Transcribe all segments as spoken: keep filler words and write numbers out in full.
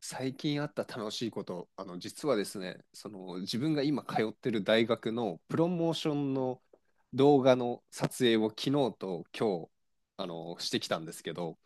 最近あった楽しいこと、あの、実はですね、その自分が今通ってる大学のプロモーションの動画の撮影を昨日と今日、あの、してきたんですけど、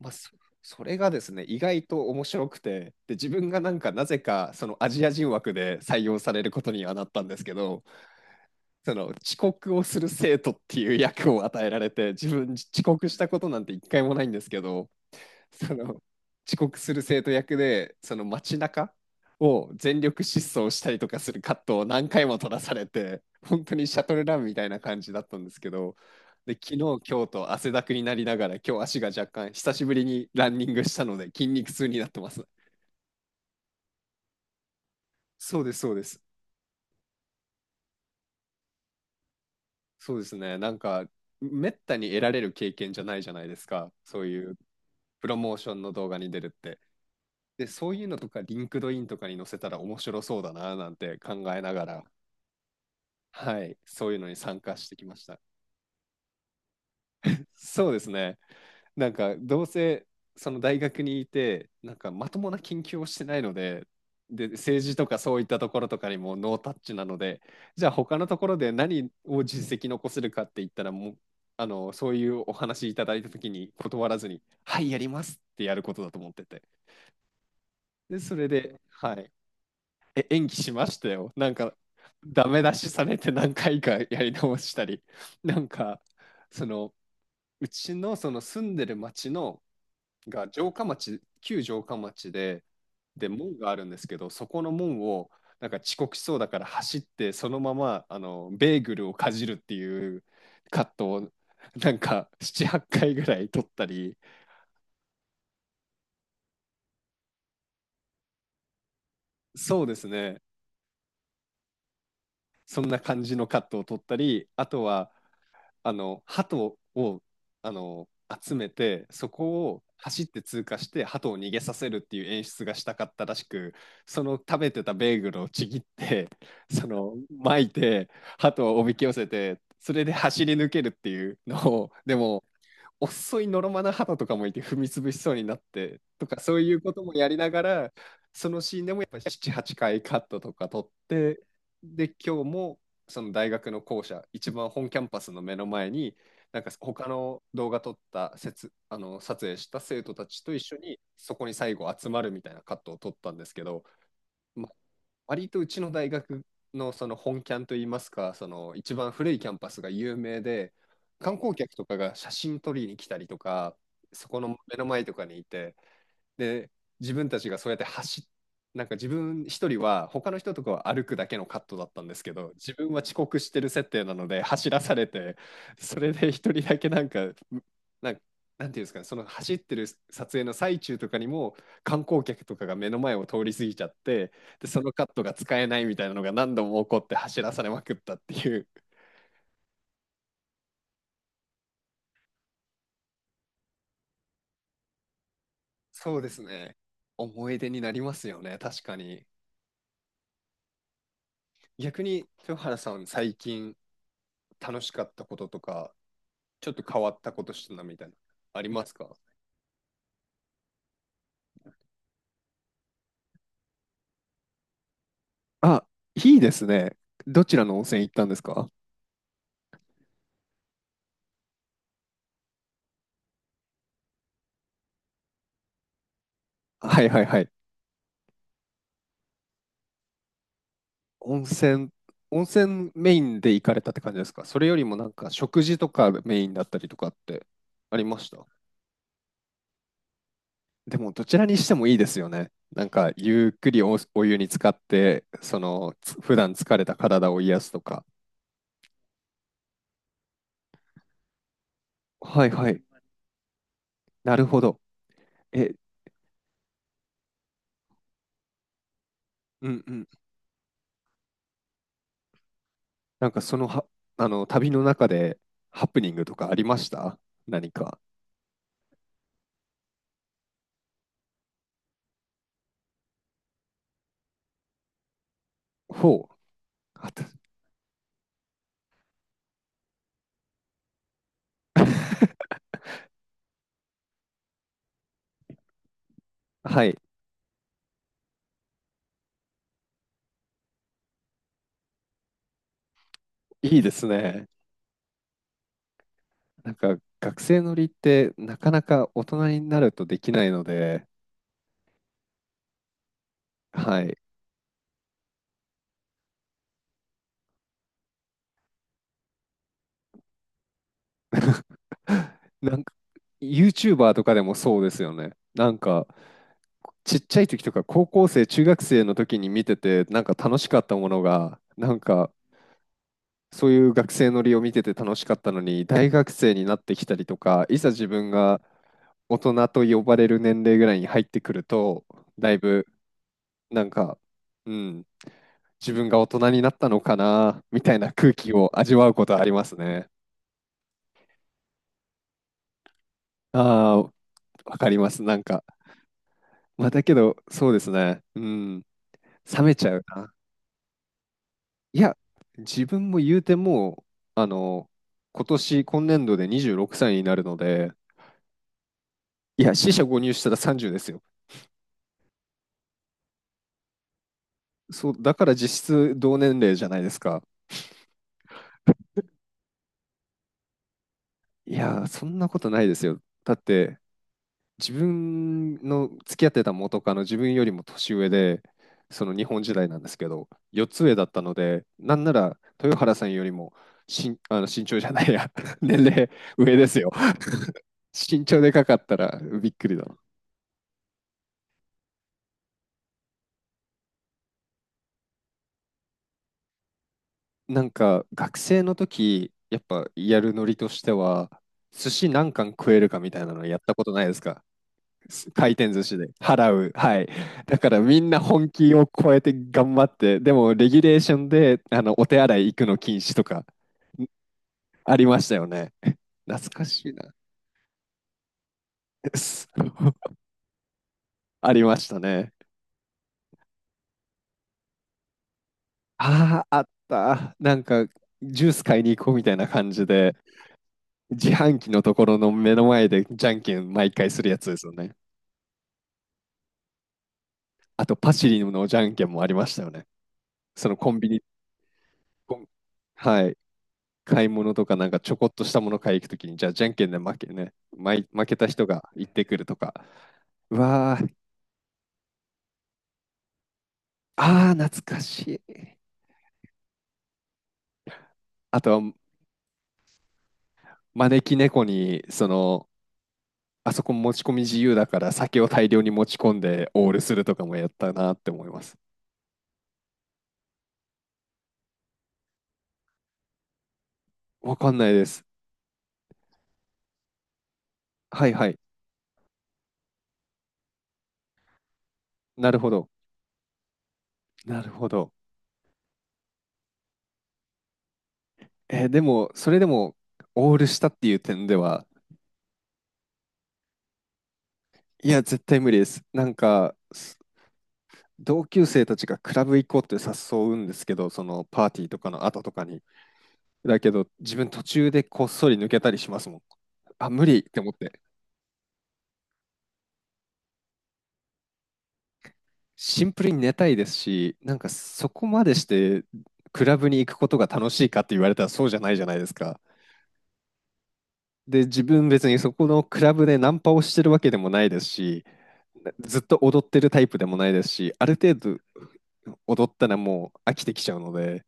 まあ、そそれがですね、意外と面白くて、で、自分がなんかなぜかそのアジア人枠で採用されることにはなったんですけど、その遅刻をする生徒っていう役を与えられて、自分遅刻したことなんて一回もないんですけど、その遅刻する生徒役でその街中を全力疾走したりとかするカットを何回も撮らされて本当にシャトルランみたいな感じだったんですけど、で昨日今日と汗だくになりながら、今日足が若干久しぶりにランニングしたので筋肉痛になってます。そうですそうです。そうですね、なんかめったに得られる経験じゃないじゃないですか、そういうプロモーションの動画に出るって。でそういうのとかリンクドインとかに載せたら面白そうだななんて考えながら、はい、そういうのに参加してきました。そうですね。なんか、どうせ、その大学にいて、なんか、まともな研究をしてないので、で、政治とかそういったところとかにもノータッチなので、じゃあ、他のところで何を実績残せるかって言ったら、もう、あの、そういうお話いただいたときに断らずに、はい、やりますってやることだと思ってて。で、それで、はい、え、演技しましたよ。なんか、ダメ出しされて何回かやり直したり、なんか、その、うちのその住んでる町のが城下町、旧城下町で、で、門があるんですけど、そこの門をなんか遅刻しそうだから走って、そのままあのベーグルをかじるっていうカットをなんかなな、はっかいぐらい撮ったり、そうですね、そんな感じのカットを撮ったり、あとはあの鳩をあの集めてそこを走って通過して鳩を逃げさせるっていう演出がしたかったらしく、その食べてたベーグルをちぎって、その巻いて鳩をおびき寄せてそれで走り抜けるっていうのを、でも遅いのろまな肌とかもいて踏み潰しそうになってとかそういうこともやりながら、そのシーンでもやっぱなな、はっかいカットとか撮って、で今日もその大学の校舎一番本キャンパスの目の前に、なんか他の動画撮ったせつ、あの撮影した生徒たちと一緒にそこに最後集まるみたいなカットを撮ったんですけど、ま割とうちの大学のその本キャンといいますか、その一番古いキャンパスが有名で、観光客とかが写真撮りに来たりとか、そこの目の前とかにいて、で、自分たちがそうやって走っなんか自分一人は、他の人とかは歩くだけのカットだったんですけど、自分は遅刻してる設定なので走らされて、それで一人だけなんかなんかなんていうんですかね、その走ってる撮影の最中とかにも観光客とかが目の前を通り過ぎちゃって、でそのカットが使えないみたいなのが何度も起こって走らされまくったっていう。そうですね、思い出になりますよね確かに。逆に豊原さん最近楽しかったこととか、ちょっと変わったことしたなみたいな、ありますか？あ、いいですね。どちらの温泉行ったんですか？はいはいはい。温泉、温泉メインで行かれたって感じですか？それよりもなんか食事とかメインだったりとかってありました？でもどちらにしてもいいですよね。なんかゆっくりお、お湯に浸かって、そのつ普段疲れた体を癒すとか。はいはい。なるほど。え、うんうん。なんかそのは、あの旅の中でハプニングとかありました、何か？ほう。あた はい。いいですね。なんか学生乗りってなかなか大人になるとできないので、はい。なんか YouTuber とかでもそうですよね。なんかちっちゃい時とか高校生、中学生の時に見ててなんか楽しかったものが、なんかそういう学生乗りを見てて楽しかったのに、大学生になってきたりとか、いざ自分が大人と呼ばれる年齢ぐらいに入ってくると、だいぶなんか、うん、自分が大人になったのかな、みたいな空気を味わうことはありますね。ああ、わかります。なんか、まあ、だけど、そうですね。うん、冷めちゃうな。いや、自分も言うてもう、あの、今年、今年度でにじゅうろくさいになるので、いや、四捨五入したらさんじゅうですよ。そう、だから実質同年齢じゃないですか。いやー、そんなことないですよ。だって、自分の付き合ってた元カノ、自分よりも年上で、その日本時代なんですけど、よっつ上だったので、なんなら豊原さんよりも身、あの身長じゃないや、年齢上ですよ。身長でかかったらびっくりだな。なんか学生の時、やっぱやるノリとしては、寿司何貫食えるかみたいなのやったことないですか？回転寿司で払う。はい。だからみんな本気を超えて頑張って、でもレギュレーションであのお手洗い行くの禁止とかん、ありましたよね。懐かしいな。ありましたね。ああ、あった。なんかジュース買いに行こうみたいな感じで、自販機のところの目の前でじゃんけん毎回するやつですよね。あとパシリのじゃんけんもありましたよね。そのコンビニ、コンはい。買い物とかなんかちょこっとしたもの買い行くときに、じゃあじゃんけんで負けね、負負けた人が行ってくるとか、うわー、あー、懐かしい。あとは招き猫に、その、あそこ持ち込み自由だから酒を大量に持ち込んでオールするとかもやったなって思います。わかんないです。はいはい。なるほど。なるほど。えーでも、それでもオールしたっていう点では、いや、絶対無理です。なんか、同級生たちがクラブ行こうって誘うんですけど、そのパーティーとかの後とかに。だけど、自分途中でこっそり抜けたりしますもん。あ、無理って思って。シンプルにね寝たいですし、なんかそこまでしてクラブに行くことが楽しいかって言われたらそうじゃないじゃないですか。で、自分別にそこのクラブでナンパをしてるわけでもないですし、ずっと踊ってるタイプでもないですし、ある程度踊ったらもう飽きてきちゃうので、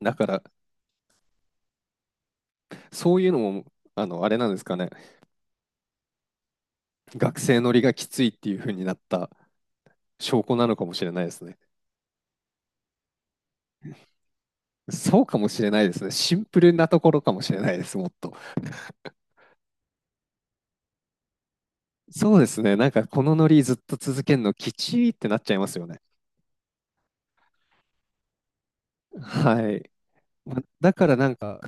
だからそういうのも、あの、あれなんですかね。学生乗りがきついっていう風になった証拠なのかもしれないですね。そうかもしれないですね。シンプルなところかもしれないです、もっと。そうですね。なんかこのノリずっと続けるのきちいってなっちゃいますよね。はい。まだからなんか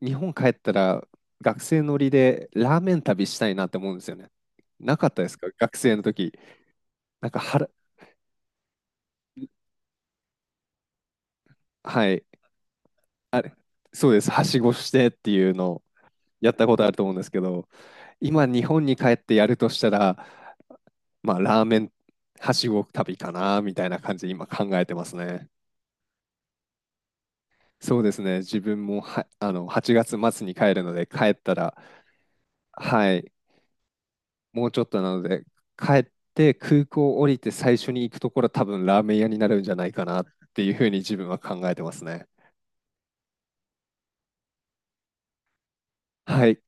日本帰ったら学生乗りでラーメン旅したいなって思うんですよね。なかったですか学生の時。なんかはら、はい。そうです。はしごしてっていうのやったことあると思うんですけど、今日本に帰ってやるとしたら、まあ、ラーメンはしご旅かな、みたいな感じで今考えてますね。そうですね。自分もは、あの、はちがつ末に帰るので、帰ったら、はい、もうちょっとなので、帰って空港降りて最初に行くところは多分ラーメン屋になるんじゃないかなっていうふうに自分は考えてますね。はい。